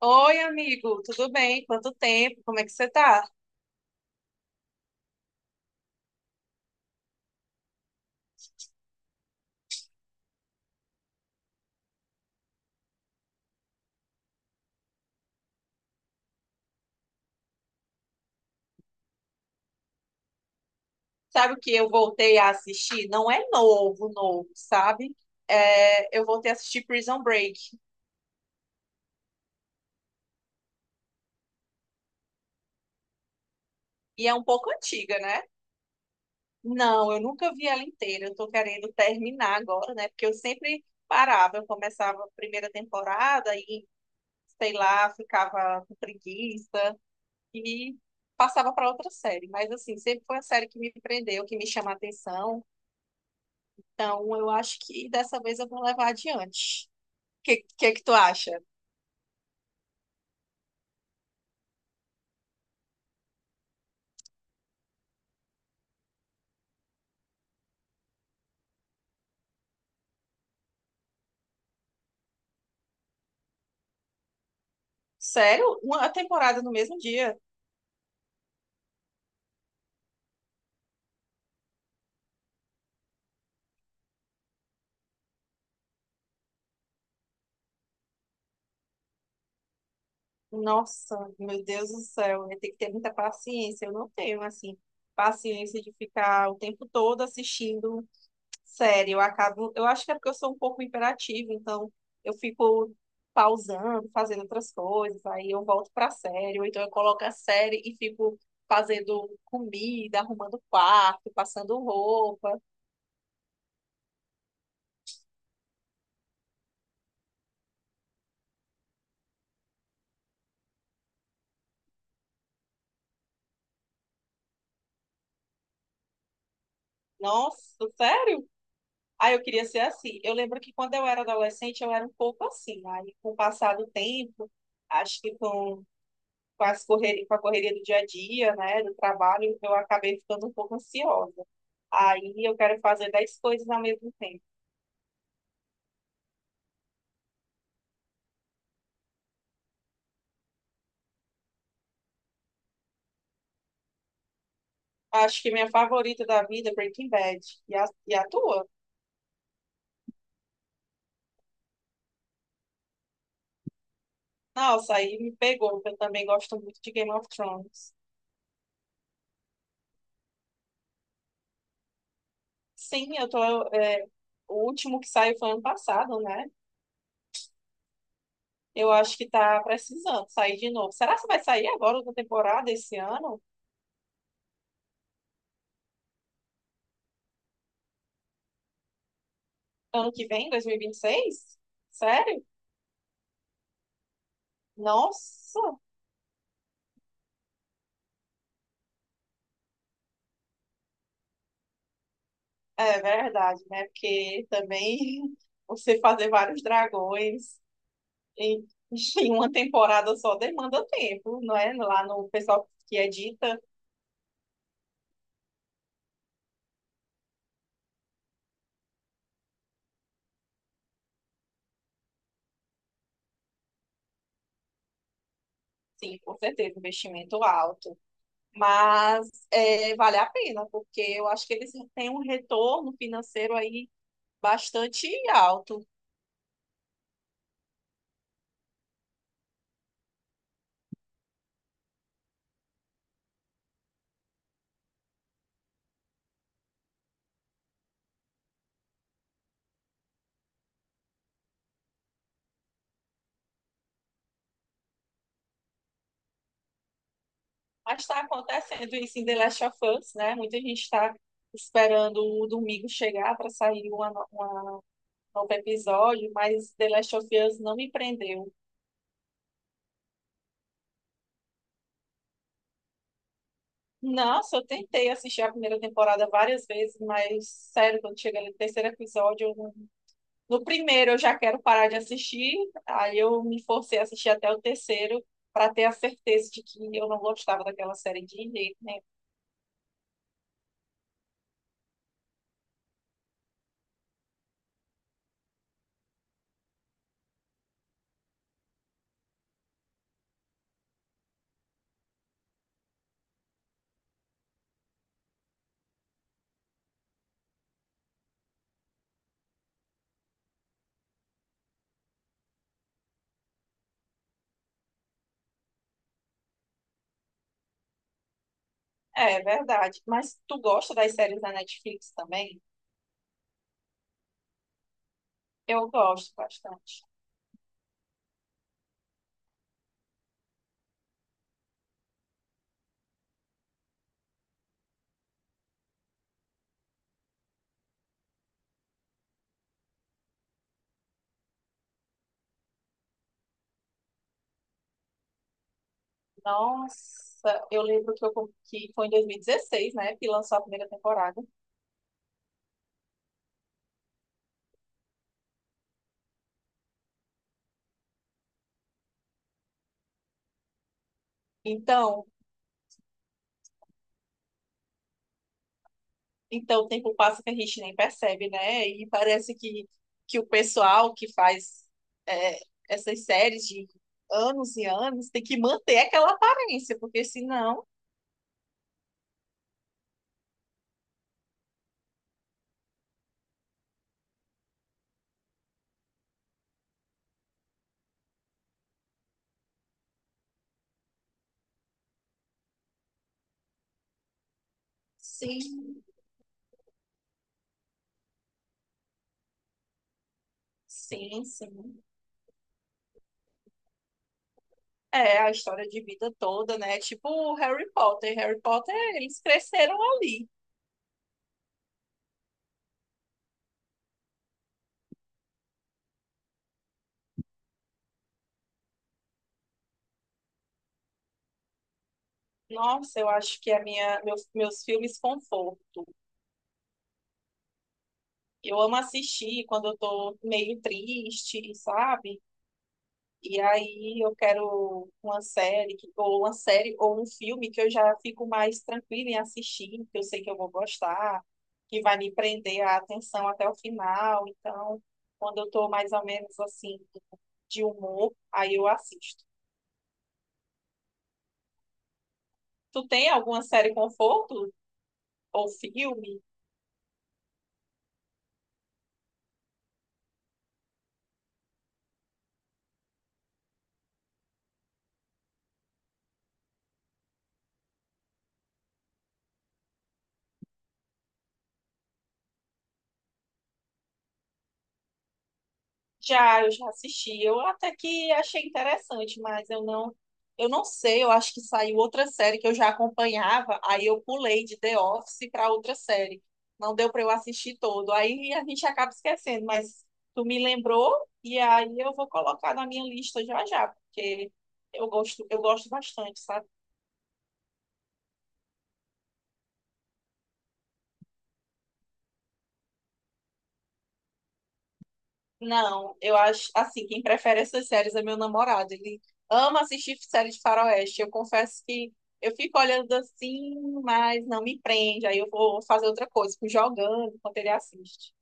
Oi, amigo, tudo bem? Quanto tempo? Como é que você tá? Sabe o que eu voltei a assistir? Não é novo, novo, sabe? É, eu voltei a assistir Prison Break e é um pouco antiga, né? Não, eu nunca vi ela inteira. Eu tô querendo terminar agora, né? Porque eu sempre parava, eu começava a primeira temporada e, sei lá, ficava com preguiça e passava para outra série. Mas assim, sempre foi a série que me prendeu, que me chama a atenção. Então, eu acho que dessa vez eu vou levar adiante. Que que tu acha? Sério? Uma temporada no mesmo dia? Nossa, meu Deus do céu, eu tenho que ter muita paciência. Eu não tenho assim paciência de ficar o tempo todo assistindo série. Eu acabo, eu acho que é porque eu sou um pouco imperativa, então eu fico pausando, fazendo outras coisas, aí eu volto pra série, ou então eu coloco a série e fico fazendo comida, arrumando quarto, passando roupa. Nossa, sério? Ah, eu queria ser assim. Eu lembro que quando eu era adolescente, eu era um pouco assim. Aí, com o passar do tempo, acho que as correria, com a correria do dia a dia, né, do trabalho, eu acabei ficando um pouco ansiosa. Aí, eu quero fazer 10 coisas ao mesmo tempo. Acho que minha favorita da vida é Breaking Bad. E a tua? Nossa, aí me pegou, porque eu também gosto muito de Game of Thrones. Sim, eu tô. é, o último que saiu foi ano passado, né? Eu acho que tá precisando sair de novo. Será que vai sair agora outra temporada esse ano? Ano que vem, dois mil e vinte e seis. Sério? Nossa, é verdade, né? Porque também você fazer vários dragões em, em uma temporada só demanda tempo, não é? Lá no pessoal que edita, sim, com certeza, investimento alto. Mas é, vale a pena, porque eu acho que eles têm um retorno financeiro aí bastante alto. Mas está acontecendo isso em The Last of Us, né? Muita gente está esperando o domingo chegar para sair uma, no- uma novo episódio, mas The Last of Us não me prendeu. Nossa, eu tentei assistir a primeira temporada várias vezes, mas sério, quando chega no terceiro episódio, eu não- no primeiro eu já quero parar de assistir, aí eu me forcei a assistir até o terceiro para ter a certeza de que eu não gostava daquela série de jeito nenhum. É, é verdade. Mas tu gosta das séries da Netflix também? Eu gosto bastante. Nossa, eu lembro que foi em 2016, né, que lançou a primeira temporada. Então, então o tempo passa que a gente nem percebe, né? E parece que o pessoal que faz é, essas séries de anos e anos tem que manter aquela aparência, porque senão, sim, sim, sim. É a história de vida toda, né? Tipo o Harry Potter. Harry Potter, eles cresceram ali. Nossa, eu acho que meus filmes conforto. Eu amo assistir quando eu tô meio triste, sabe? E aí eu quero uma série, ou uma série, ou um filme que eu já fico mais tranquila em assistir, que eu sei que eu vou gostar, que vai me prender a atenção até o final. Então, quando eu tô mais ou menos assim, de humor, aí eu assisto. Tu tem alguma série conforto ou filme? Já, eu já assisti. Eu até que achei interessante, mas eu não sei, eu acho que saiu outra série que eu já acompanhava, aí eu pulei de The Office para outra série. Não deu para eu assistir todo. Aí a gente acaba esquecendo, mas tu me lembrou e aí eu vou colocar na minha lista já já, porque eu gosto bastante, sabe? Não, eu acho assim, quem prefere essas séries é meu namorado. Ele ama assistir séries de faroeste. Eu confesso que eu fico olhando assim, mas não me prende. Aí eu vou fazer outra coisa, fico jogando enquanto ele assiste.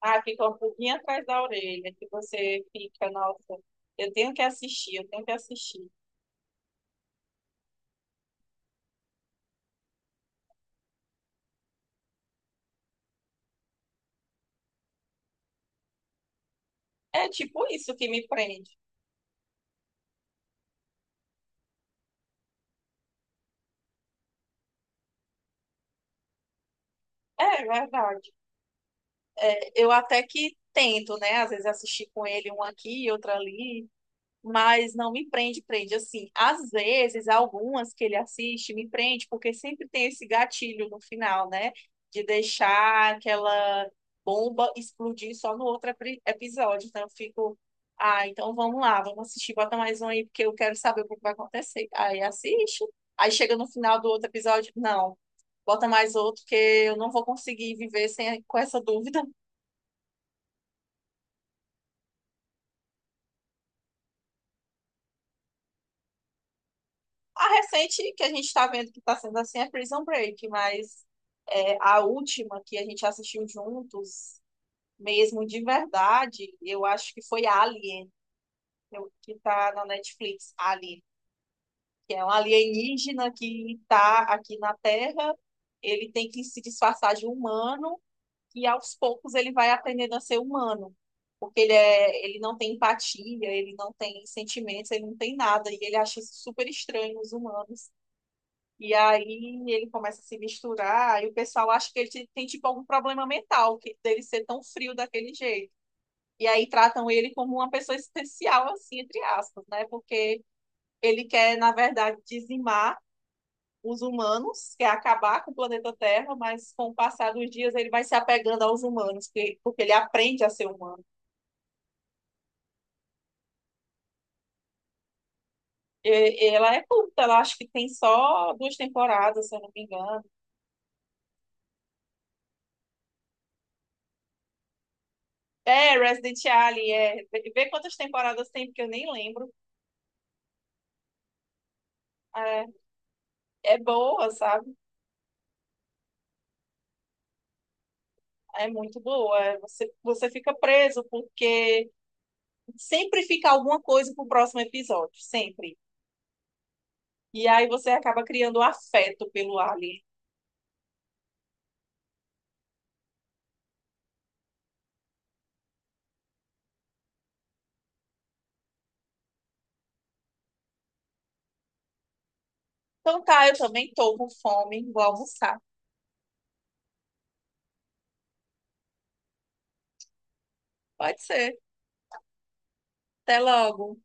Ah, fica um pouquinho atrás da orelha, que você fica, nossa, eu tenho que assistir. É tipo isso que me prende. É verdade. É, eu até que tento, né? Às vezes assistir com ele um aqui e outro ali. Mas não me prende, prende assim. Às vezes, algumas que ele assiste me prende, porque sempre tem esse gatilho no final, né? De deixar aquela bomba explodir só no outro episódio. Então, eu fico, ah, então vamos lá, vamos assistir, bota mais um aí, porque eu quero saber o que vai acontecer. Aí assiste, aí chega no final do outro episódio, não. Bota mais outro, que eu não vou conseguir viver sem, com essa dúvida. A recente que a gente está vendo que está sendo assim é Prison Break, mas é, a última que a gente assistiu juntos, mesmo de verdade, eu acho que foi Alien, que está na Netflix, Alien, que é um alienígena que está aqui na Terra, ele tem que se disfarçar de humano e aos poucos ele vai aprendendo a ser humano. Porque ele, é, ele não tem empatia, ele não tem sentimentos, ele não tem nada, e ele acha isso super estranho nos humanos. E aí ele começa a se misturar, e o pessoal acha que ele tem tipo algum problema mental, que dele ser tão frio daquele jeito. E aí tratam ele como uma pessoa especial, assim, entre aspas, né? Porque ele quer, na verdade, dizimar os humanos, quer acabar com o planeta Terra, mas com o passar dos dias ele vai se apegando aos humanos, porque ele aprende a ser humano. Ela é curta, ela acho que tem só duas temporadas, se eu não me engano. É, Resident Alien, é. Vê quantas temporadas tem, porque eu nem lembro. É, é boa, sabe? É muito boa. É, você fica preso porque sempre fica alguma coisa pro próximo episódio, sempre. E aí você acaba criando um afeto pelo Alien. Então tá, eu também tô com fome, vou almoçar. Pode ser. Até logo.